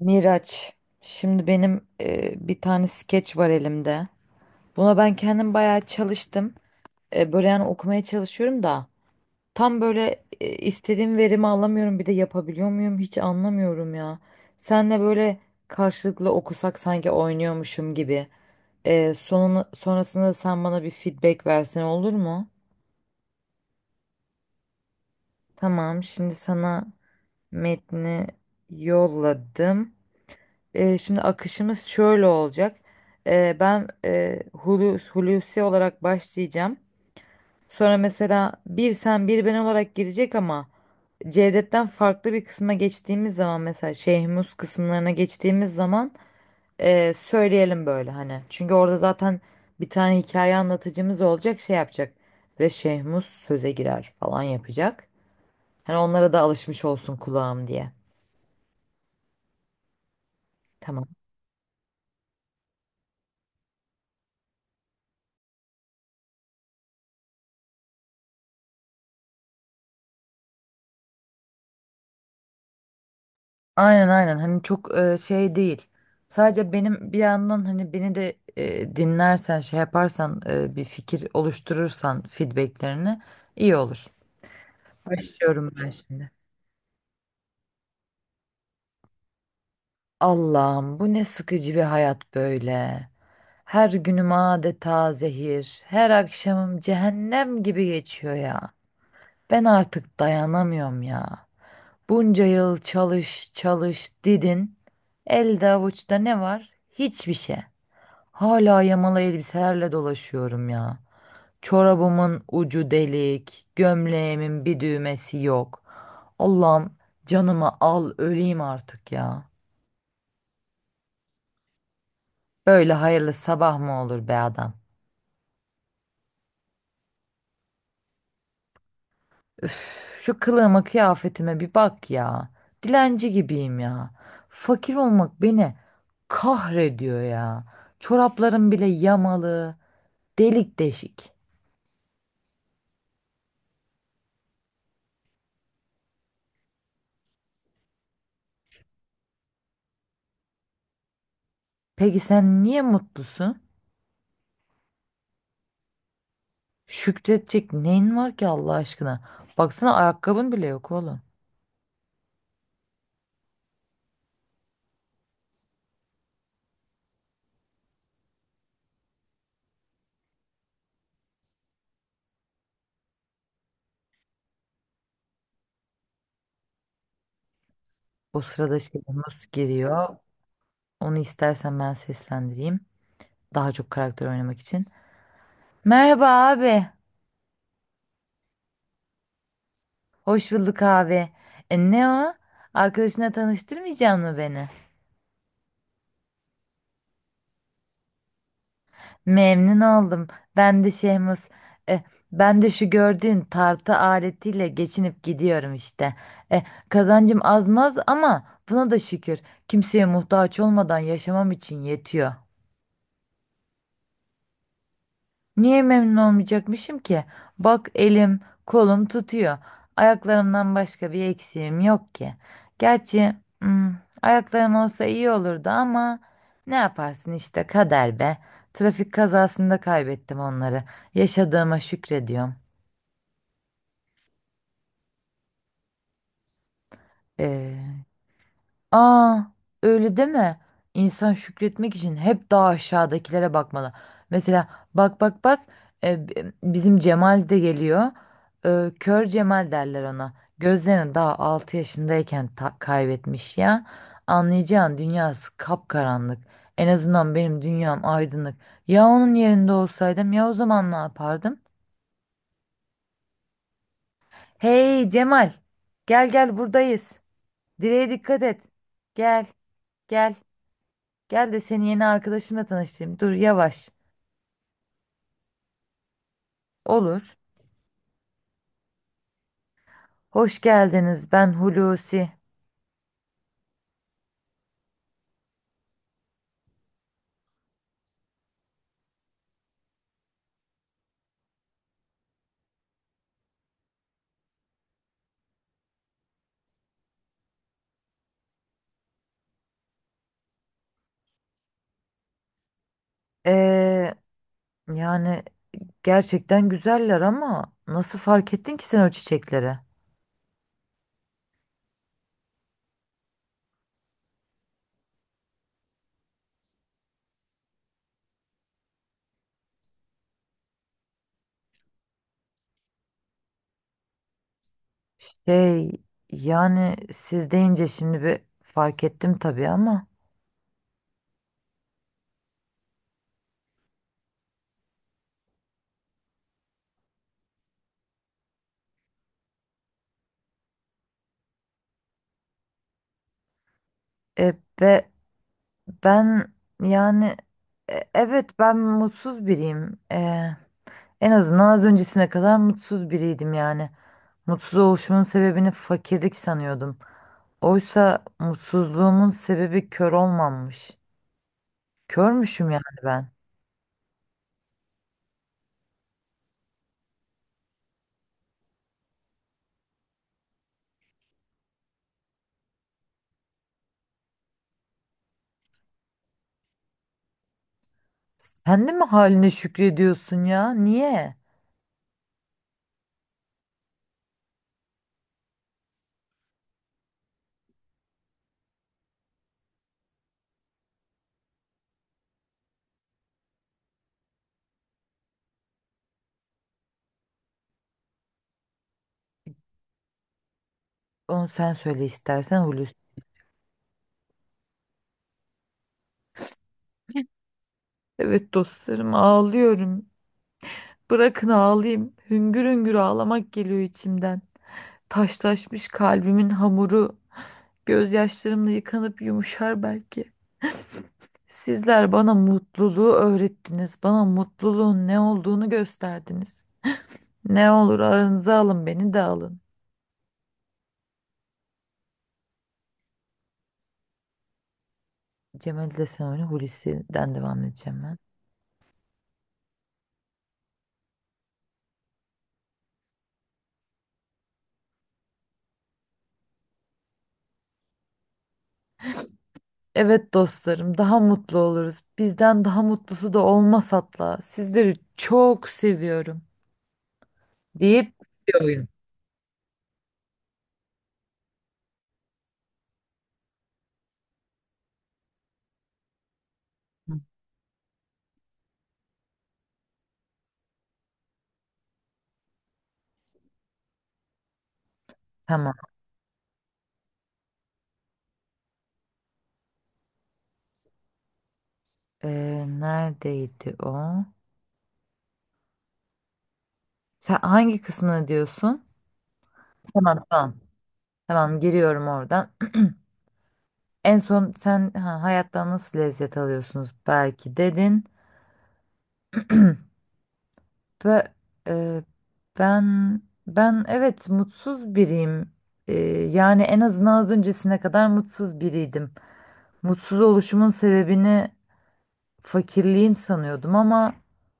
Miraç, şimdi benim bir tane skeç var elimde. Buna ben kendim bayağı çalıştım. Böyle yani okumaya çalışıyorum da tam böyle istediğim verimi alamıyorum. Bir de yapabiliyor muyum hiç anlamıyorum ya. Senle böyle karşılıklı okusak sanki oynuyormuşum gibi. Sonunu, sonrasında da sen bana bir feedback versen olur mu? Tamam, şimdi sana metni yolladım. Şimdi akışımız şöyle olacak. Ben Hulusi olarak başlayacağım. Sonra mesela bir sen bir ben olarak girecek ama Cevdet'ten farklı bir kısma geçtiğimiz zaman mesela Şeyh Mus kısımlarına geçtiğimiz zaman söyleyelim böyle hani. Çünkü orada zaten bir tane hikaye anlatıcımız olacak şey yapacak ve Şeyh Mus söze girer falan yapacak. Hani onlara da alışmış olsun kulağım diye. Tamam. Aynen aynen, hani çok şey değil. Sadece benim bir yandan hani beni de dinlersen şey yaparsan bir fikir oluşturursan feedbacklerini iyi olur. Başlıyorum ben şimdi. Allah'ım, bu ne sıkıcı bir hayat böyle. Her günüm adeta zehir. Her akşamım cehennem gibi geçiyor ya. Ben artık dayanamıyorum ya. Bunca yıl çalış çalış didin. Elde avuçta ne var? Hiçbir şey. Hala yamalı elbiselerle dolaşıyorum ya. Çorabımın ucu delik, gömleğimin bir düğmesi yok. Allah'ım, canımı al öleyim artık ya. Böyle hayırlı sabah mı olur be adam? Üf, şu kılığıma kıyafetime bir bak ya. Dilenci gibiyim ya. Fakir olmak beni kahrediyor ya. Çoraplarım bile yamalı, delik deşik. Peki sen niye mutlusun? Şükredecek neyin var ki Allah aşkına? Baksana ayakkabın bile yok oğlum. O sırada şey Yunus giriyor. Onu istersen ben seslendireyim. Daha çok karakter oynamak için. Merhaba abi. Hoş bulduk abi. Ne o? Arkadaşına tanıştırmayacak mı beni? Memnun oldum. Ben de Şehmus. E, Ben de şu gördüğün tartı aletiyle geçinip gidiyorum işte. E, Kazancım azmaz ama buna da şükür. Kimseye muhtaç olmadan yaşamam için yetiyor. Niye memnun olmayacakmışım ki? Bak elim, kolum tutuyor. Ayaklarımdan başka bir eksiğim yok ki. Gerçi hmm, ayaklarım olsa iyi olurdu ama ne yaparsın işte kader be. Trafik kazasında kaybettim onları. Yaşadığıma şükrediyorum. Ee, Aa, Öyle deme. İnsan şükretmek için hep daha aşağıdakilere bakmalı. Mesela bak bak bak, bizim Cemal de geliyor. Kör Cemal derler ona. Gözlerini daha 6 yaşındayken kaybetmiş ya. Anlayacağın dünyası kapkaranlık. En azından benim dünyam aydınlık. Ya onun yerinde olsaydım, ya o zaman ne yapardım? Hey Cemal, gel gel, buradayız. Direğe dikkat et. Gel, gel. Gel de seni yeni arkadaşımla tanıştırayım. Dur yavaş. Olur. Hoş geldiniz. Ben Hulusi. Ee, Yani gerçekten güzeller ama nasıl fark ettin ki sen o çiçekleri? Şey, yani siz deyince şimdi bir fark ettim tabii ama. E, be, ben yani e, Evet, ben mutsuz biriyim. En azından az öncesine kadar mutsuz biriydim yani. Mutsuz oluşumun sebebini fakirlik sanıyordum. Oysa mutsuzluğumun sebebi kör olmamış. Körmüşüm yani ben. Sen de mi haline şükrediyorsun ya? Niye? Onu sen söyle istersen Hulusi. Evet dostlarım, ağlıyorum. Bırakın ağlayayım. Hüngür hüngür ağlamak geliyor içimden. Taşlaşmış kalbimin hamuru gözyaşlarımla yıkanıp yumuşar belki. Sizler bana mutluluğu öğrettiniz. Bana mutluluğun ne olduğunu gösterdiniz. Ne olur aranıza alın, beni de alın. Cemal Desenoli Hulusi'den devam edeceğim ben. Evet dostlarım, daha mutlu oluruz. Bizden daha mutlusu da olmaz hatta. Sizleri çok seviyorum deyip bir oyun. Hı. Tamam. Neredeydi o? Sen hangi kısmını diyorsun? Tamam, tamam. Tamam, giriyorum oradan. En son sen ha, hayattan nasıl lezzet alıyorsunuz belki dedin. Ve e, ben ben evet mutsuz biriyim. Yani en azından az öncesine kadar mutsuz biriydim. Mutsuz oluşumun sebebini fakirliğim sanıyordum ama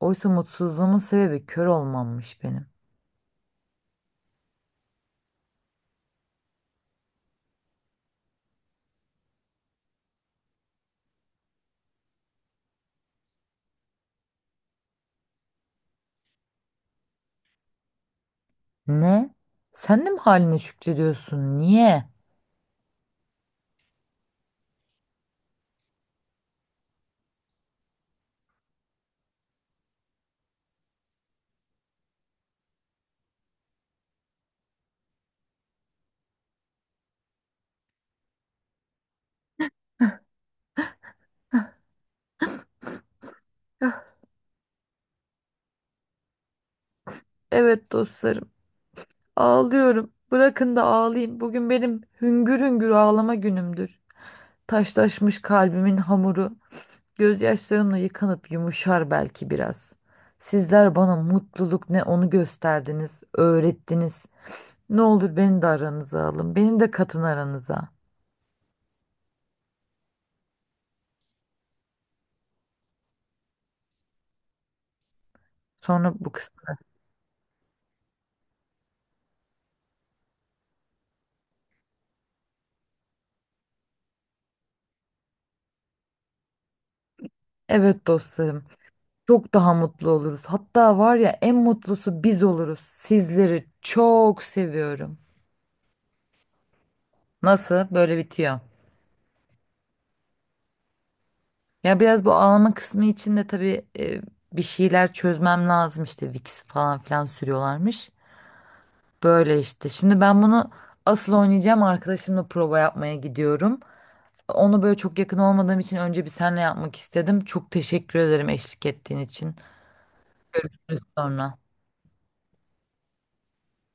oysa mutsuzluğumun sebebi kör olmammış benim. Ne? Sen de mi haline şükrediyorsun? Niye? Evet dostlarım, ağlıyorum. Bırakın da ağlayayım. Bugün benim hüngür hüngür ağlama günümdür. Taşlaşmış kalbimin hamuru. Gözyaşlarımla yıkanıp yumuşar belki biraz. Sizler bana mutluluk ne onu gösterdiniz, öğrettiniz. Ne olur beni de aranıza alın, beni de katın aranıza. Sonra bu kısmı. Evet dostlarım, çok daha mutlu oluruz. Hatta var ya, en mutlusu biz oluruz. Sizleri çok seviyorum. Nasıl? Böyle bitiyor. Ya biraz bu ağlama kısmı için de tabii bir şeyler çözmem lazım işte, Vicks falan filan sürüyorlarmış. Böyle işte. Şimdi ben bunu asıl oynayacağım arkadaşımla prova yapmaya gidiyorum. Onu böyle çok yakın olmadığım için önce bir senle yapmak istedim. Çok teşekkür ederim eşlik ettiğin için. Görüşürüz sonra.